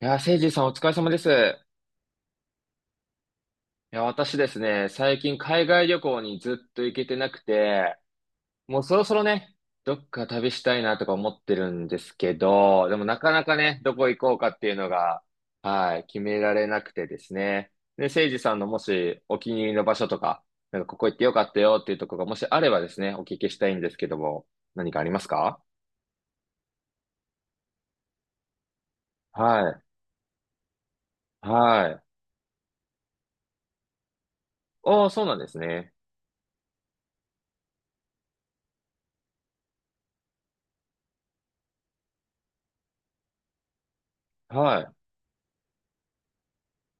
いやー、せいじさんお疲れ様です。いや、私ですね、最近海外旅行にずっと行けてなくて、もうそろそろね、どっか旅したいなとか思ってるんですけど、でもなかなかね、どこ行こうかっていうのが、はい、決められなくてですね。で、せいじさんのもしお気に入りの場所とか、なんかここ行ってよかったよっていうところがもしあればですね、お聞きしたいんですけども、何かありますか？はい、はい。おー、そうなんですね。はい。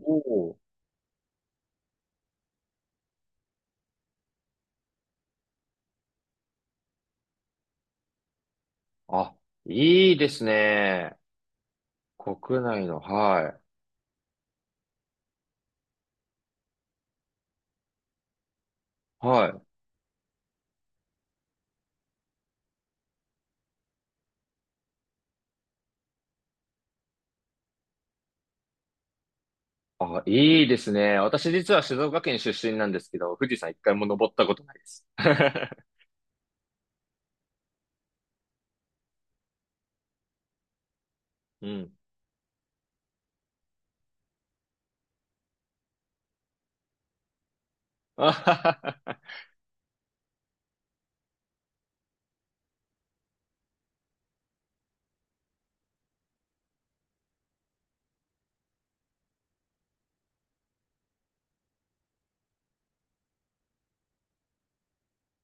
おー、あ、いいですね。国内の、はい。はい。あ、いいですね。私実は静岡県出身なんですけど、富士山一回も登ったことないです。うん。あははは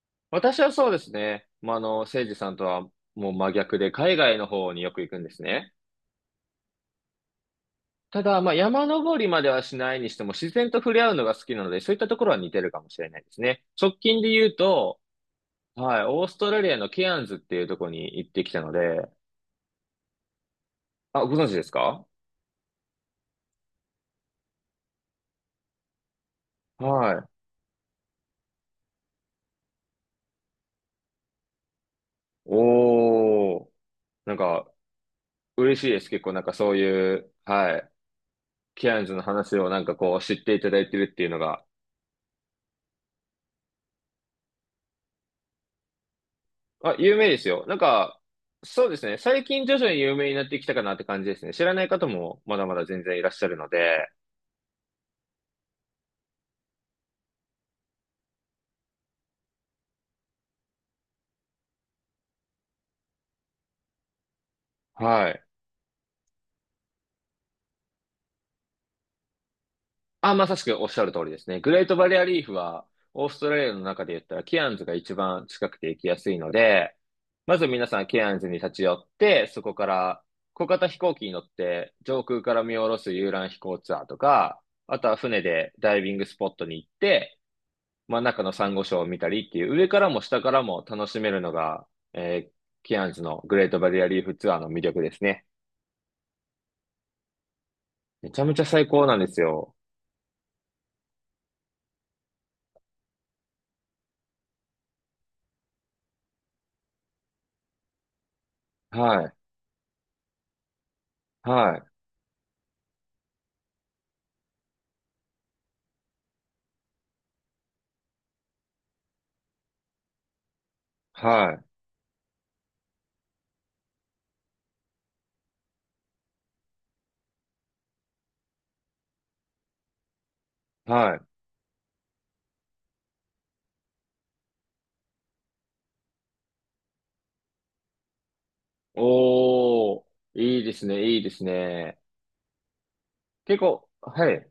私はそうですね。まあ、あの、誠司さんとはもう真逆で、海外の方によく行くんですね。ただ、まあ、山登りまではしないにしても、自然と触れ合うのが好きなので、そういったところは似てるかもしれないですね。直近で言うと、はい、オーストラリアのケアンズっていうところに行ってきたので、あ、ご存知ですか？はい。おー。なんか、嬉しいです。結構なんかそういう、はい、ケアンズの話をなんかこう知っていただいてるっていうのが、あ、有名ですよ。なんか、そうですね。最近徐々に有名になってきたかなって感じですね。知らない方もまだまだ全然いらっしゃるので、はい。あ、まさしくおっしゃる通りですね。グレートバリアリーフは、オーストラリアの中で言ったら、ケアンズが一番近くて行きやすいので、まず皆さんケアンズに立ち寄って、そこから小型飛行機に乗って上空から見下ろす遊覧飛行ツアーとか、あとは船でダイビングスポットに行って、真ん中のサンゴ礁を見たりっていう、上からも下からも楽しめるのが、えーケアンズのグレートバリアリーフツアーの魅力ですね。めちゃめちゃ最高なんですよ。はい、はい、はい、はい。おー、いいですね、いいですね。結構、はい。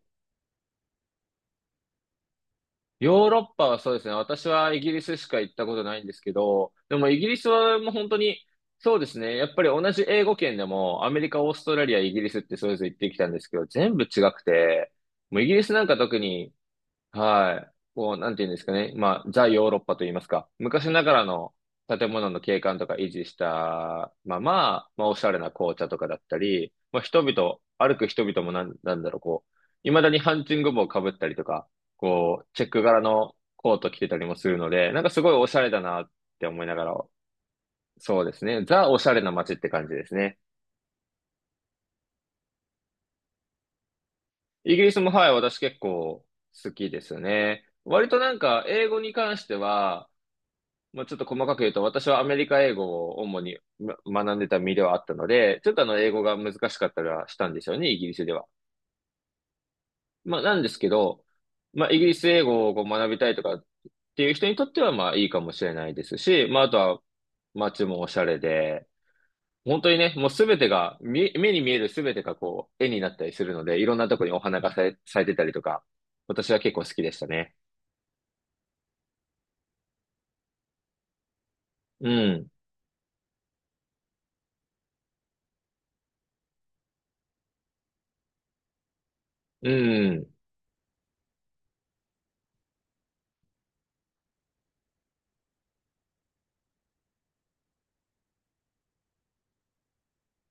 ヨーロッパはそうですね。私はイギリスしか行ったことないんですけど、でもイギリスはもう本当に、そうですね。やっぱり同じ英語圏でも、アメリカ、オーストラリア、イギリスってそれぞれ行ってきたんですけど、全部違くて、もうイギリスなんか特にはい。こう、なんていうんですかね。まあ、ザ・ヨーロッパと言いますか。昔ながらの建物の景観とか維持したまま、まあ、おしゃれな紅茶とかだったり、まあ、人々、歩く人々もなん、なんだろう、こう、未だにハンチング帽をかぶったりとか、こう、チェック柄のコート着てたりもするので、なんかすごいおしゃれだなって思いながら、そうですね。ザ・おしゃれな街って感じですね。イギリスも、はい、私結構好きですね。割となんか、英語に関しては、もうちょっと細かく言うと、私はアメリカ英語を主にま学んでた身ではあったので、ちょっとあの英語が難しかったりはしたんですよね、イギリスでは。まあなんですけど、まあイギリス英語をこう学びたいとかっていう人にとってはまあいいかもしれないですし、まああとは街もおしゃれで、本当にね、もうすべてが、み目に見えるすべてがこう絵になったりするので、いろんなとこにお花が咲いてたりとか、私は結構好きでしたね。うん、うん、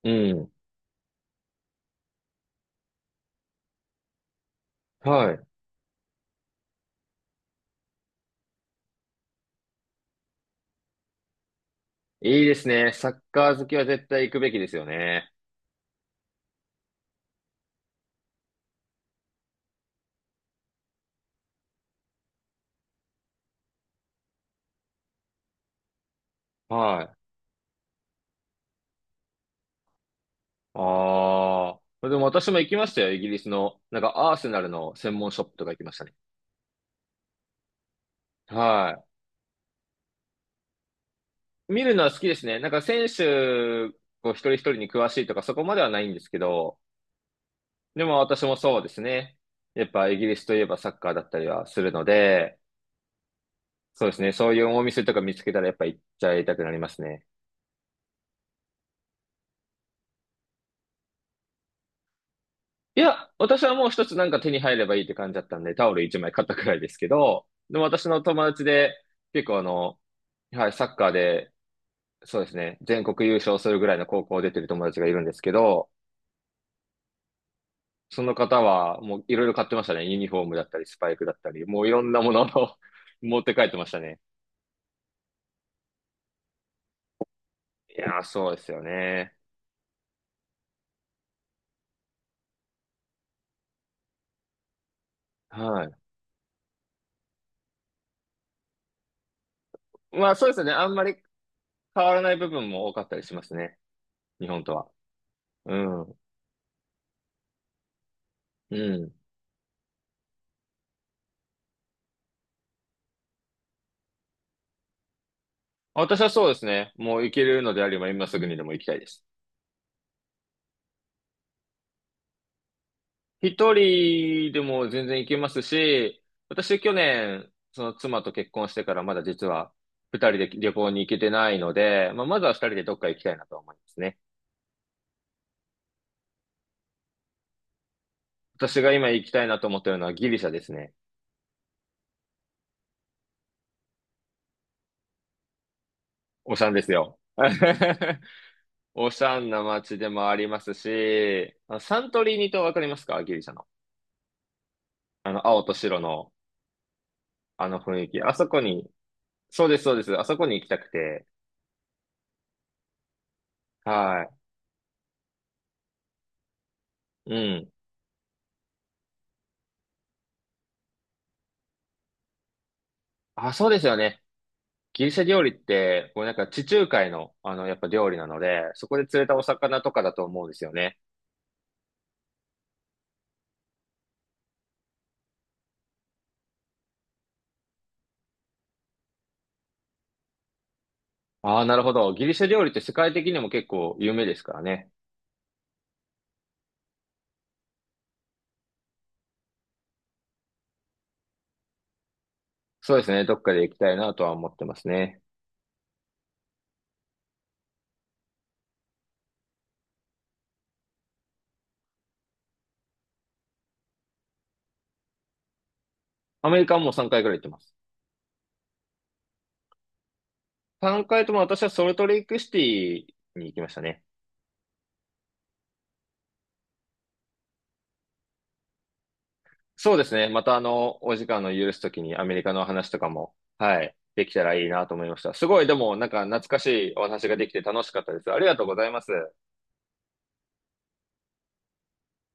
うん、はい。いいですね。サッカー好きは絶対行くべきですよね。はい。ああ。でも私も行きましたよ。イギリスの。なんかアーセナルの専門ショップとか行きましたね。はい。見るのは好きですね。なんか選手、こう一人一人に詳しいとかそこまではないんですけど、でも私もそうですね。やっぱイギリスといえばサッカーだったりはするので、そうですね。そういうお店とか見つけたらやっぱ行っちゃいたくなりますね。いや、私はもう一つなんか手に入ればいいって感じだったんで、タオル一枚買ったくらいですけど、でも私の友達で、結構あの、はい、サッカーで、そうですね、全国優勝するぐらいの高校を出てる友達がいるんですけど、その方はもういろいろ買ってましたね。ユニフォームだったり、スパイクだったり、もういろんなものを 持って帰ってましたね。いやー、そうですよね。はい。まあそうですね、あんまり変わらない部分も多かったりしますね。日本とは。うん。うん。私はそうですね。もう行けるのであれば今すぐにでも行きたいです。一人でも全然行けますし、私去年、その妻と結婚してからまだ実は二人で旅行に行けてないので、まあ、まずは二人でどっか行きたいなと思いますね。私が今行きたいなと思ってるのはギリシャですね。オシャンですよ。オシャンな街でもありますし、あサントリーニ島わかりますか？ギリシャの。あの、青と白のあの雰囲気。あそこに、そうです、そうです。あそこに行きたくて。はい。うん。あ、そうですよね。ギリシャ料理って、もうなんか地中海の、あの、やっぱ料理なので、そこで釣れたお魚とかだと思うんですよね。ああ、なるほど。ギリシャ料理って世界的にも結構有名ですからね。そうですね。どっかで行きたいなとは思ってますね。アメリカはもう3回くらい行ってます。3回とも私はソルトレイクシティに行きましたね。そうですね。またあの、お時間の許すときにアメリカの話とかも、はい、できたらいいなと思いました。すごい、でもなんか懐かしいお話ができて楽しかったです。ありがとうございます。